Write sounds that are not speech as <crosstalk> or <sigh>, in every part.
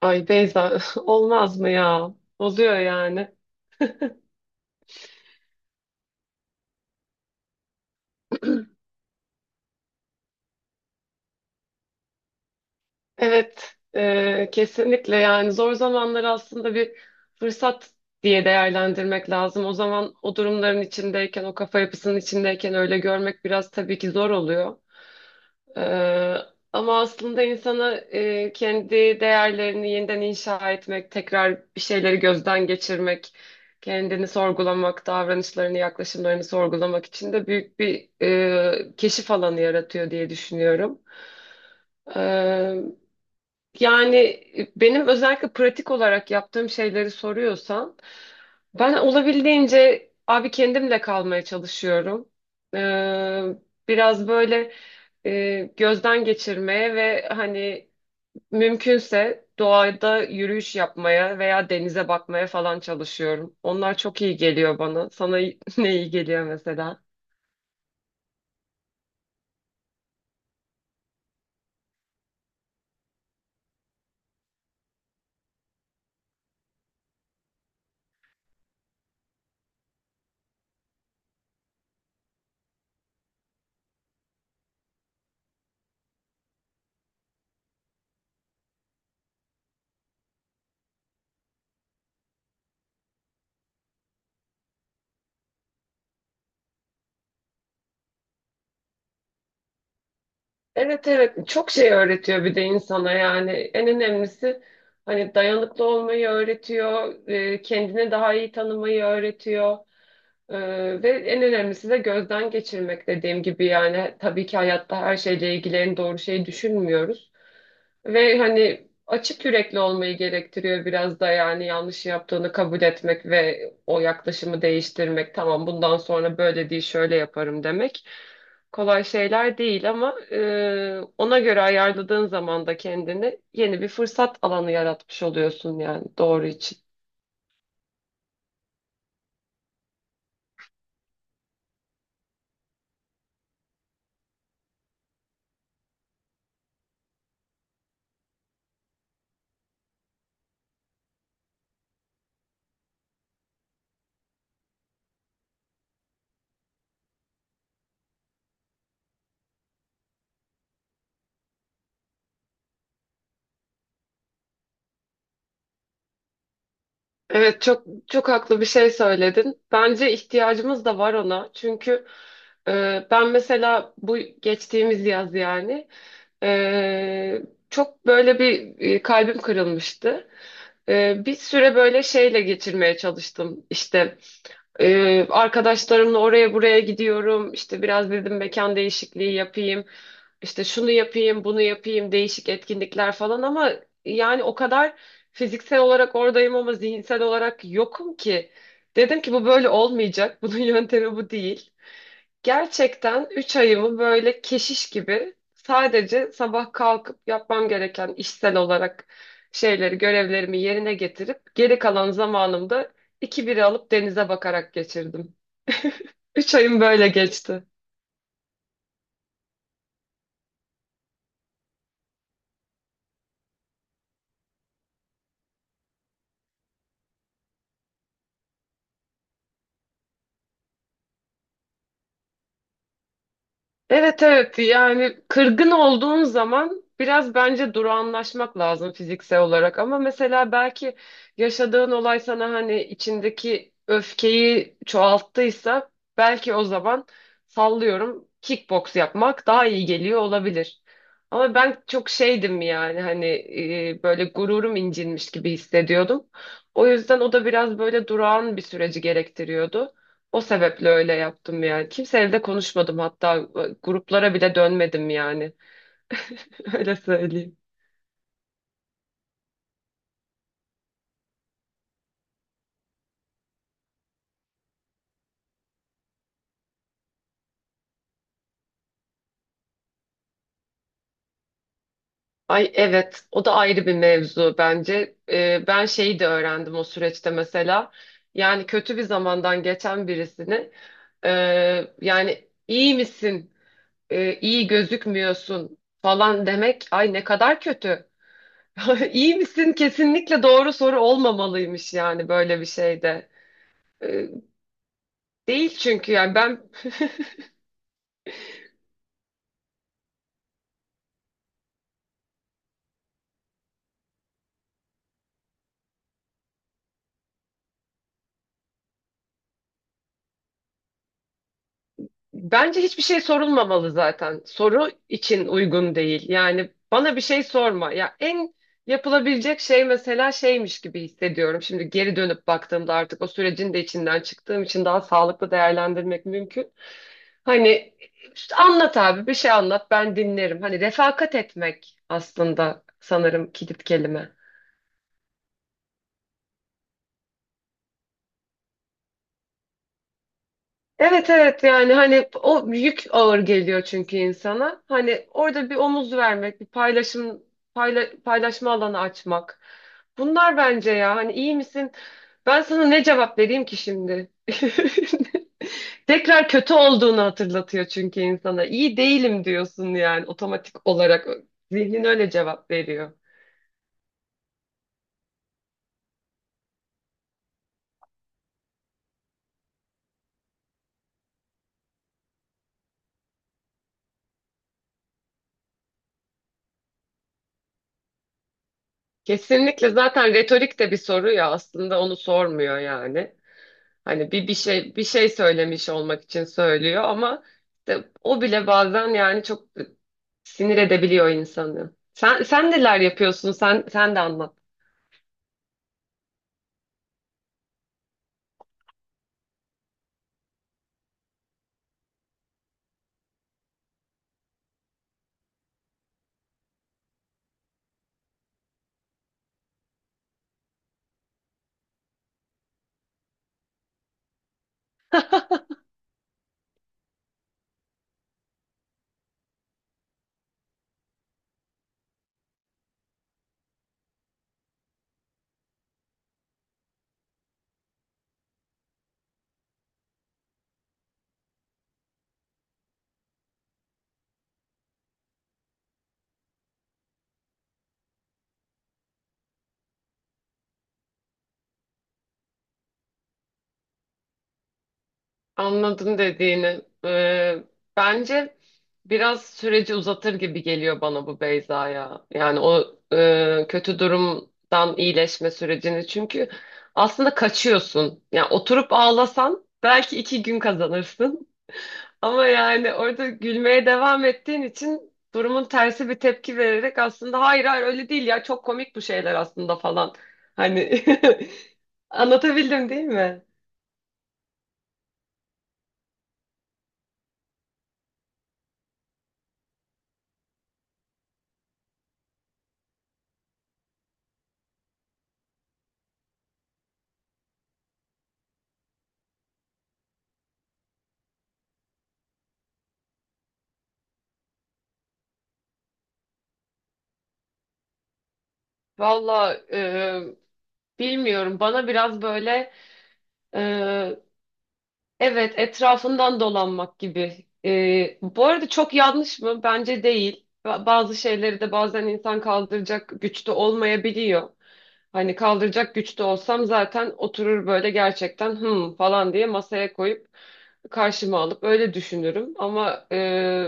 Ay Beyza <laughs> olmaz mı ya? Oluyor yani. Evet, kesinlikle yani zor zamanları aslında bir fırsat diye değerlendirmek lazım. O zaman o durumların içindeyken, o kafa yapısının içindeyken öyle görmek biraz tabii ki zor oluyor. Ee, ama aslında insana kendi değerlerini yeniden inşa etmek, tekrar bir şeyleri gözden geçirmek, kendini sorgulamak, davranışlarını, yaklaşımlarını sorgulamak için de büyük bir keşif alanı yaratıyor diye düşünüyorum. Yani benim özellikle pratik olarak yaptığım şeyleri soruyorsan, ben olabildiğince abi kendimle kalmaya çalışıyorum. Ee, biraz böyle gözden geçirmeye ve hani mümkünse doğada yürüyüş yapmaya veya denize bakmaya falan çalışıyorum. Onlar çok iyi geliyor bana. Sana <laughs> ne iyi geliyor mesela? Evet, evet, çok şey öğretiyor bir de insana yani en önemlisi hani dayanıklı olmayı öğretiyor, kendini daha iyi tanımayı öğretiyor E, ve en önemlisi de gözden geçirmek dediğim gibi yani tabii ki hayatta her şeyle ilgili en doğru şeyi düşünmüyoruz. Ve hani açık yürekli olmayı gerektiriyor biraz da yani yanlış yaptığını kabul etmek ve o yaklaşımı değiştirmek. Tamam, bundan sonra böyle değil şöyle yaparım demek. Kolay şeyler değil ama ona göre ayarladığın zaman da kendini yeni bir fırsat alanı yaratmış oluyorsun yani doğru için. Evet, çok çok haklı bir şey söyledin. Bence ihtiyacımız da var ona. Çünkü ben mesela bu geçtiğimiz yaz yani e, çok böyle bir kalbim kırılmıştı. Bir süre böyle şeyle geçirmeye çalıştım. İşte arkadaşlarımla oraya buraya gidiyorum. İşte biraz dedim mekan değişikliği yapayım. İşte şunu yapayım, bunu yapayım, değişik etkinlikler falan ama yani o kadar fiziksel olarak oradayım ama zihinsel olarak yokum ki. Dedim ki bu böyle olmayacak. <laughs> Bunun yöntemi bu değil. Gerçekten 3 ayımı böyle keşiş gibi sadece sabah kalkıp yapmam gereken işsel olarak şeyleri, görevlerimi yerine getirip geri kalan zamanımda iki biri alıp denize bakarak geçirdim. 3 ayım böyle geçti. Evet, evet, yani kırgın olduğun zaman biraz bence durağanlaşmak lazım fiziksel olarak ama mesela belki yaşadığın olay sana hani içindeki öfkeyi çoğalttıysa belki o zaman sallıyorum kickbox yapmak daha iyi geliyor olabilir. Ama ben çok şeydim yani hani böyle gururum incinmiş gibi hissediyordum. O yüzden o da biraz böyle durağan bir süreci gerektiriyordu. O sebeple öyle yaptım yani. Kimseyle de konuşmadım hatta gruplara bile dönmedim yani. <laughs> Öyle söyleyeyim. Ay evet, o da ayrı bir mevzu bence. Ben şeyi de öğrendim o süreçte mesela. Yani kötü bir zamandan geçen birisini e, yani iyi misin? İyi gözükmüyorsun falan demek ay ne kadar kötü. <laughs> İyi misin? Kesinlikle doğru soru olmamalıymış yani böyle bir şeyde. E, değil çünkü yani ben... Bence hiçbir şey sorulmamalı zaten. Soru için uygun değil. Yani bana bir şey sorma. Ya en yapılabilecek şey mesela şeymiş gibi hissediyorum. Şimdi geri dönüp baktığımda artık o sürecin de içinden çıktığım için daha sağlıklı değerlendirmek mümkün. Hani işte anlat abi bir şey anlat ben dinlerim. Hani refakat etmek aslında sanırım kilit kelime. Evet, evet, yani hani o yük ağır geliyor çünkü insana. Hani orada bir omuz vermek, bir paylaşım paylaşma alanı açmak. Bunlar bence ya hani iyi misin? Ben sana ne cevap vereyim ki şimdi? <laughs> Tekrar kötü olduğunu hatırlatıyor çünkü insana. İyi değilim diyorsun yani otomatik olarak. Zihnin öyle cevap veriyor. Kesinlikle zaten retorik de bir soru ya aslında onu sormuyor yani. Hani bir şey bir şey söylemiş olmak için söylüyor ama işte o bile bazen yani çok sinir edebiliyor insanı. Sen neler yapıyorsun? Sen de anlat. Anladım dediğini. Bence biraz süreci uzatır gibi geliyor bana bu Beyza ya. Yani o kötü durumdan iyileşme sürecini. Çünkü aslında kaçıyorsun. Yani oturup ağlasan belki iki gün kazanırsın. Ama yani orada gülmeye devam ettiğin için durumun tersi bir tepki vererek aslında hayır, hayır öyle değil ya çok komik bu şeyler aslında falan. Hani <laughs> anlatabildim değil mi? Valla, bilmiyorum bana biraz böyle e, Evet, etrafından dolanmak gibi. Bu arada çok yanlış mı? Bence değil. Bazı şeyleri de bazen insan kaldıracak güçte olmayabiliyor. Hani kaldıracak güçte olsam zaten oturur böyle gerçekten hım falan diye masaya koyup karşıma alıp öyle düşünürüm. Ama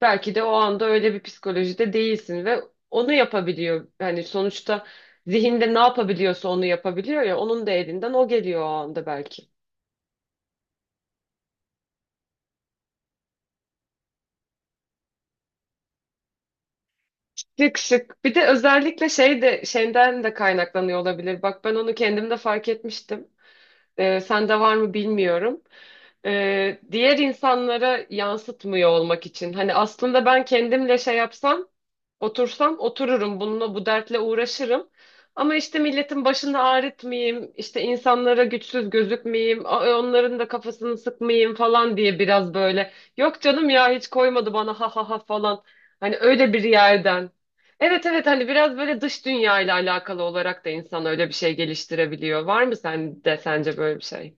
belki de o anda öyle bir psikolojide değilsin ve onu yapabiliyor. Yani sonuçta zihinde ne yapabiliyorsa onu yapabiliyor ya onun da elinden o geliyor o anda belki. Şık, şık. Bir de özellikle şey de şeyden de kaynaklanıyor olabilir. Bak ben onu kendim de fark etmiştim. Sende var mı bilmiyorum. Diğer insanlara yansıtmıyor olmak için. Hani aslında ben kendimle şey yapsam, otursam otururum bununla, bu dertle uğraşırım. Ama işte milletin başını ağrıtmayayım, işte insanlara güçsüz gözükmeyeyim, onların da kafasını sıkmayayım falan diye biraz böyle. Yok canım ya hiç koymadı bana ha ha ha falan. Hani öyle bir yerden. Evet, evet, hani biraz böyle dış dünya ile alakalı olarak da insan öyle bir şey geliştirebiliyor. Var mı sende sence böyle bir şey?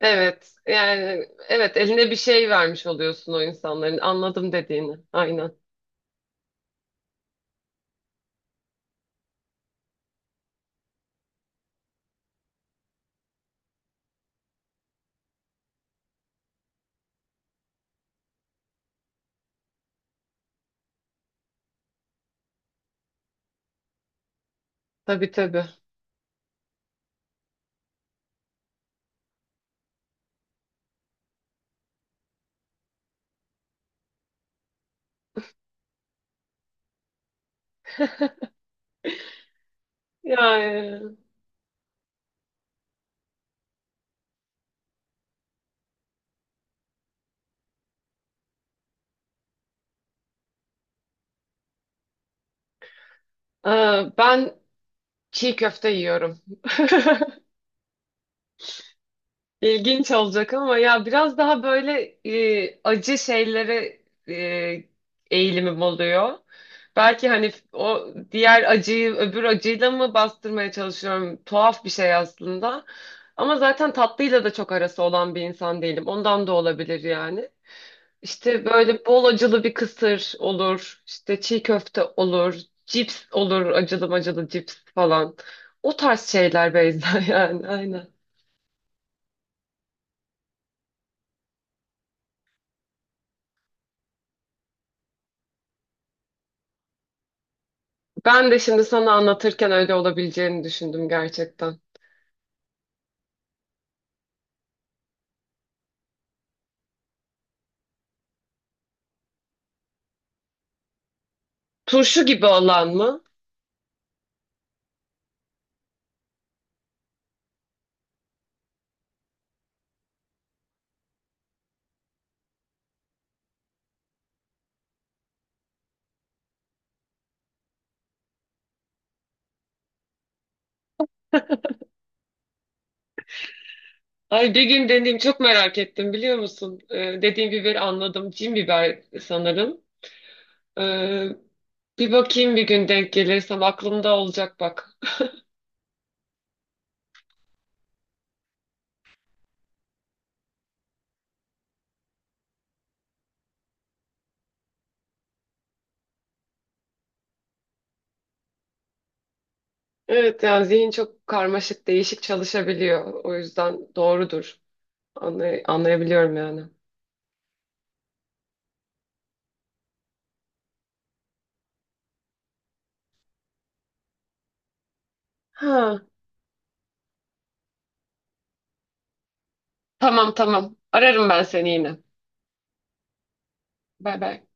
Evet yani evet, eline bir şey vermiş oluyorsun o insanların, anladım dediğini. Aynen. Tabii, tabii. Yani e, ben çiğ köfte yiyorum. <laughs> İlginç olacak ama ya biraz daha böyle acı şeylere e, eğilimim oluyor. Belki hani o diğer acıyı öbür acıyla mı bastırmaya çalışıyorum? Tuhaf bir şey aslında. Ama zaten tatlıyla da çok arası olan bir insan değilim. Ondan da olabilir yani. İşte böyle bol acılı bir kısır olur. İşte çiğ köfte olur. Cips olur. Acılı acılı cips falan. O tarz şeyler Beyza <laughs> yani aynen. Ben de şimdi sana anlatırken öyle olabileceğini düşündüm gerçekten. Turşu gibi olan mı? Ay bir gün deneyeyim çok merak ettim biliyor musun? Dediğim biberi anladım. Cin biber sanırım. Ee, bir bakayım bir gün denk gelirsem aklımda olacak bak. <laughs> Evet, yani zihin çok karmaşık, değişik çalışabiliyor. O yüzden doğrudur. Anlayabiliyorum yani. Ha, tamam, tamam. Ararım ben seni yine. Bay bay.